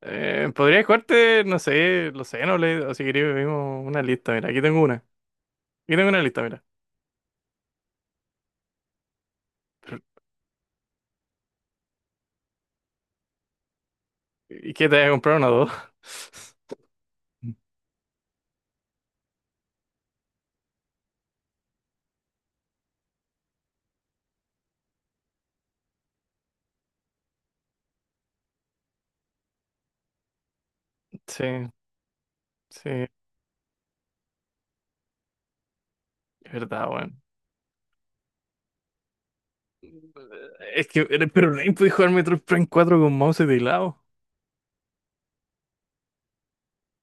Podría jugarte, no sé, los le o si queréis vimos una lista, mira, aquí tengo una. Aquí tengo una lista, mira. ¿Y qué te voy a comprar una o dos? Sí, sí, es verdad, weón. Es que, pero no podéis jugar Metroid Prime cuatro con mouse y teclado.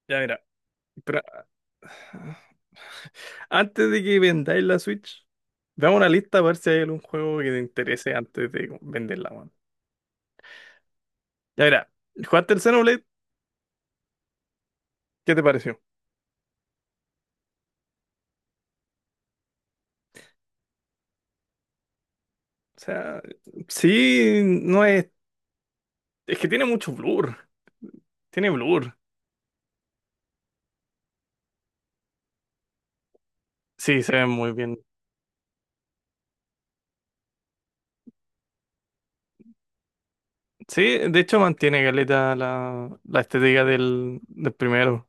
Ya, mira, pero antes de que vendáis la Switch, veamos una lista para ver si hay algún juego que te interese antes de venderla, weón. Ya, mira, ¿jugaste el Xenoblade? ¿Qué te pareció? O sea, sí, no es. Es que tiene mucho blur. Tiene blur. Sí, se ve muy bien. Sí, de hecho mantiene caleta la estética del primero.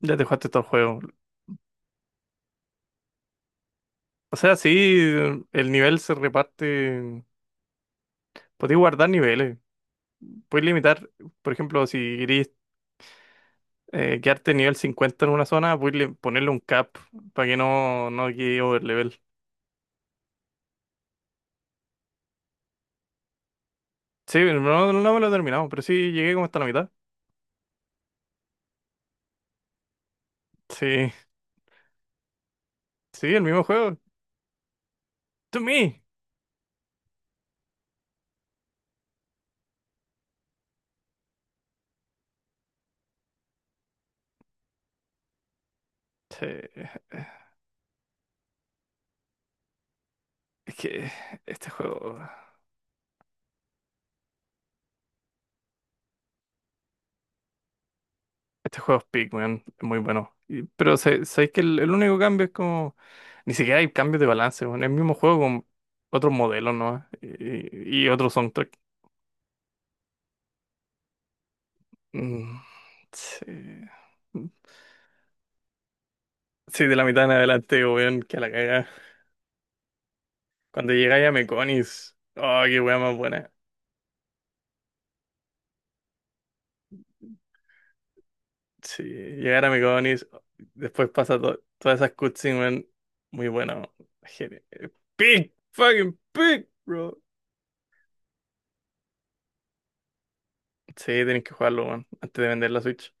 Ya te jugaste todo el juego. O sea, sí, el nivel se reparte. Podéis guardar niveles. Podéis limitar, por ejemplo, si queréis quedarte nivel 50 en una zona, podéis ponerle un cap para que no quede overlevel. Sí, no, no me lo he terminado, pero sí llegué como hasta la mitad. Sí, sí, el mismo juego. To me. Sí, es que este juego. Este juego es Peak, weón, es muy bueno. Pero sabéis que el único cambio es como. Ni siquiera hay cambios de balance, weón. Es el mismo juego con otros modelos, ¿no? Y otro soundtrack. Mm, sí. Sí, de la mitad en adelante, weón, que a la caga. Cuando llegáis a Meconis. Oh, qué weón más buena. Sí, llegar a Meconis. Después pasa todas esas cutscenes, weón. Muy bueno. Peak, fucking peak, bro. Sí, tenéis que jugarlo, weón, antes de vender la Switch.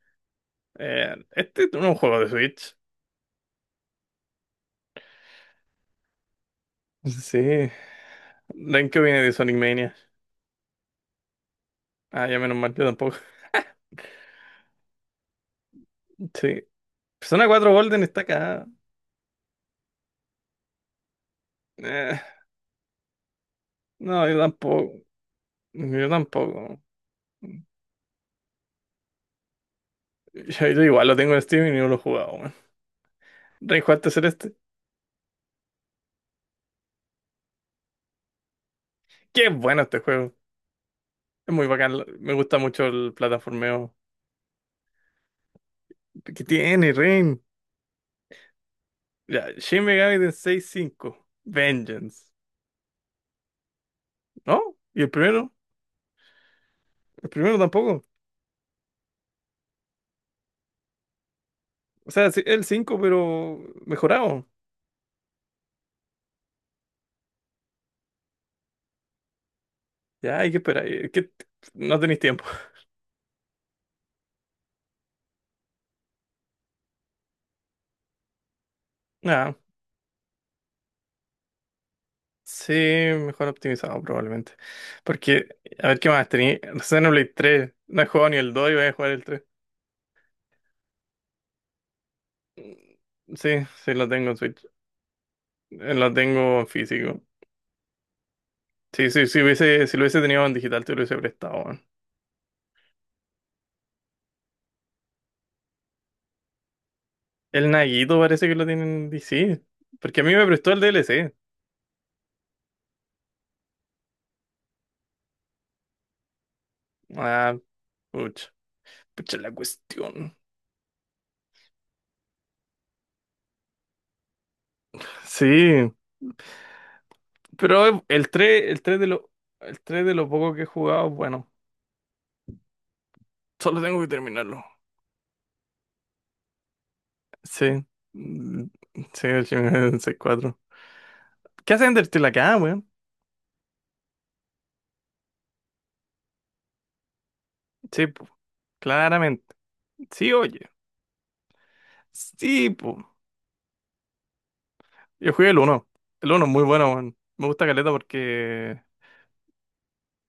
Este es un juego de Switch. Sí. ¿De en qué viene de Sonic Mania? Ah, ya menos mal, yo tampoco. Sí. Persona cuatro Golden está acá. Eh, no, yo tampoco. Yo tampoco. Yo igual lo tengo en Steam y no lo he jugado, weón. Rey Juárez Celeste. Qué bueno este juego. Es muy bacán. Me gusta mucho el plataformeo que tiene, Rain. Ya, Shin Megami Tensei cinco. Vengeance. ¿No? ¿Y el primero? El primero tampoco. O sea, sí, el 5 pero mejorado. Ya hay que esperar. Que no tenéis tiempo. Ah, sí, mejor optimizado probablemente. Porque, a ver qué más tenéis. Xenoblade 3. No he jugado ni el 2 y voy a jugar el tres. Mm, sí, sí, lo tengo en Switch. Lo tengo en físico. Sí, sí, sí hubiese, si lo hubiese tenido en digital, te lo hubiese prestado, weón. El Naguito parece que lo tiene en DC. Porque a mí me prestó el DLC. Ah, pucha. Pucha la cuestión. Sí, pero el tres de lo, el 3 de lo poco que he jugado, bueno. Solo tengo que terminarlo. Sí. Mm, sí, el Shin Megami Tensei 4. ¿Qué hace Undertale acá, weón? Sí, po. Claramente. Sí, oye. Sí, po. Yo jugué el uno, El uno es muy bueno, weón. Me gusta Caleta porque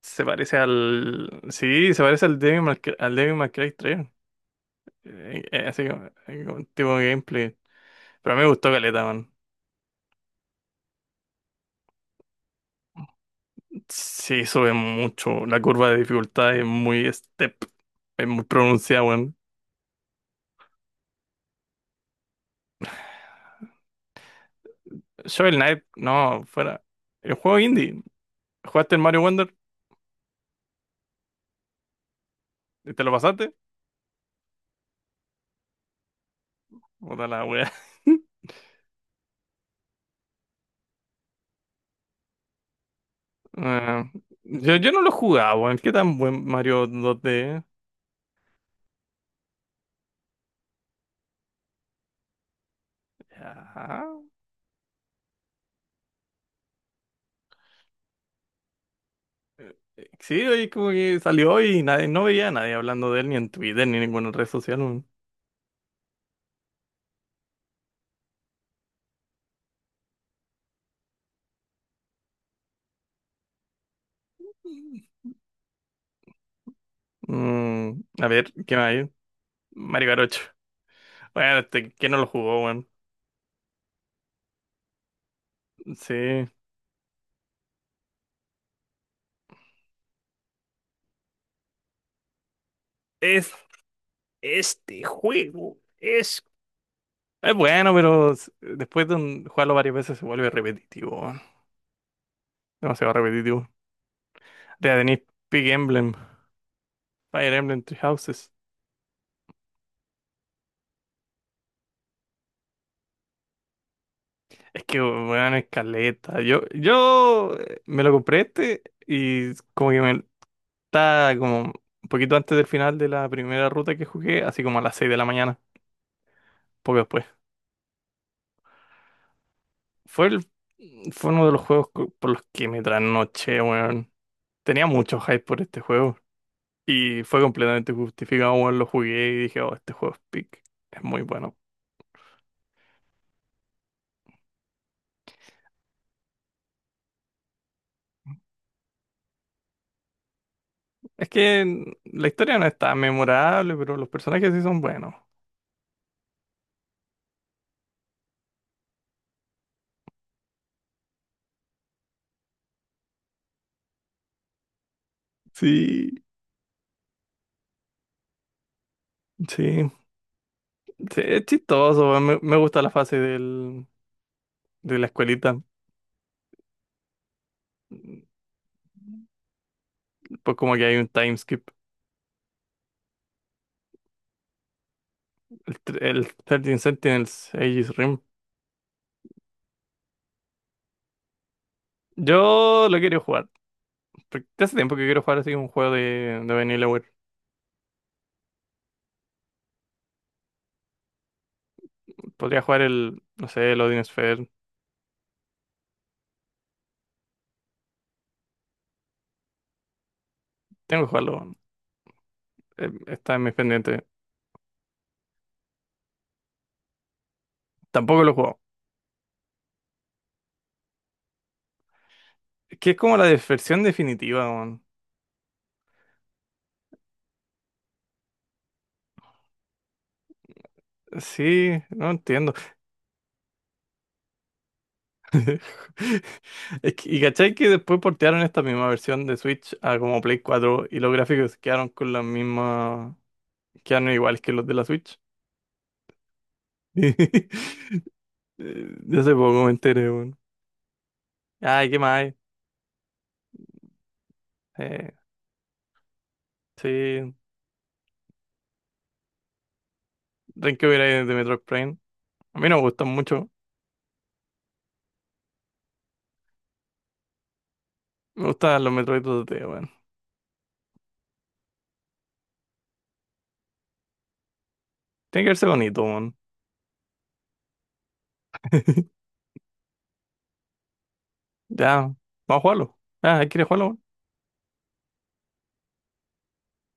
se parece al... Sí, se parece al Devil May Cry, al Devil May Cry 3. Así como, como tipo de gameplay. Pero a mí me gustó Caleta, weón. Sí, sube mucho. La curva de dificultad es muy step. Es muy pronunciada, weón. Shovel Knight, no, fuera. El juego indie. ¿Jugaste el Mario Wonder? ¿Y te lo pasaste? Puta la wea. Ah, yo no lo jugaba, weón. ¿Qué tan buen Mario 2D? Ajá. Sí, oye, como que salió y nadie, no veía a nadie hablando de él ni en Twitter ni en ninguna red social, weón. Mm, a ver, ¿qué más hay? Mario Garocho. Bueno, este, ¿quién no lo jugó, weón? Sí. Es, este juego es... Es bueno, pero después de jugarlo varias veces se vuelve repetitivo. Demasiado repetitivo. Ya tenéis Big Emblem, Fire Emblem Three Houses. Es que, weón, escaleta. Yo me lo compré este y como que me está como un poquito antes del final de la primera ruta que jugué, así como a las 6 de la mañana, poco después. Fue el, fue uno de los juegos por los que me trasnoché, weón. Tenía mucho hype por este juego y fue completamente justificado, weón. Lo jugué y dije, oh, este juego es pick. Es muy bueno. Es que la historia no es tan memorable, pero los personajes sí son buenos. Sí. Sí, sí, es chistoso. Me gusta la fase del, de la escuelita. Pues como que hay un time skip. El 13 Sentinels Aegis Rim. Yo lo quiero jugar. Porque hace tiempo que quiero jugar así un juego de Vanillaware. Podría jugar el, no sé, el Odin Sphere. Tengo que jugarlo. Está en mis pendientes. Tampoco lo he jugado. Es que es como la versión definitiva, man. Sí, no entiendo. Es que- y cachai que después portearon esta misma versión de Switch a como Play 4 y los gráficos quedaron con la misma, quedaron iguales que los de la Switch. Ya hace poco me enteré, weón. Ay, ¿qué más hay? Eh, sí, Renkyo era de Metroid Prime. A mí no me gustan mucho. Me gustan los Metroid 2D, weón. Tiene que verse bonito, weón. Ya, vamos a jugarlo. Ah, ¿quieres jugarlo, weón?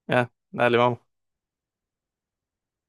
Ya, dale, vamos.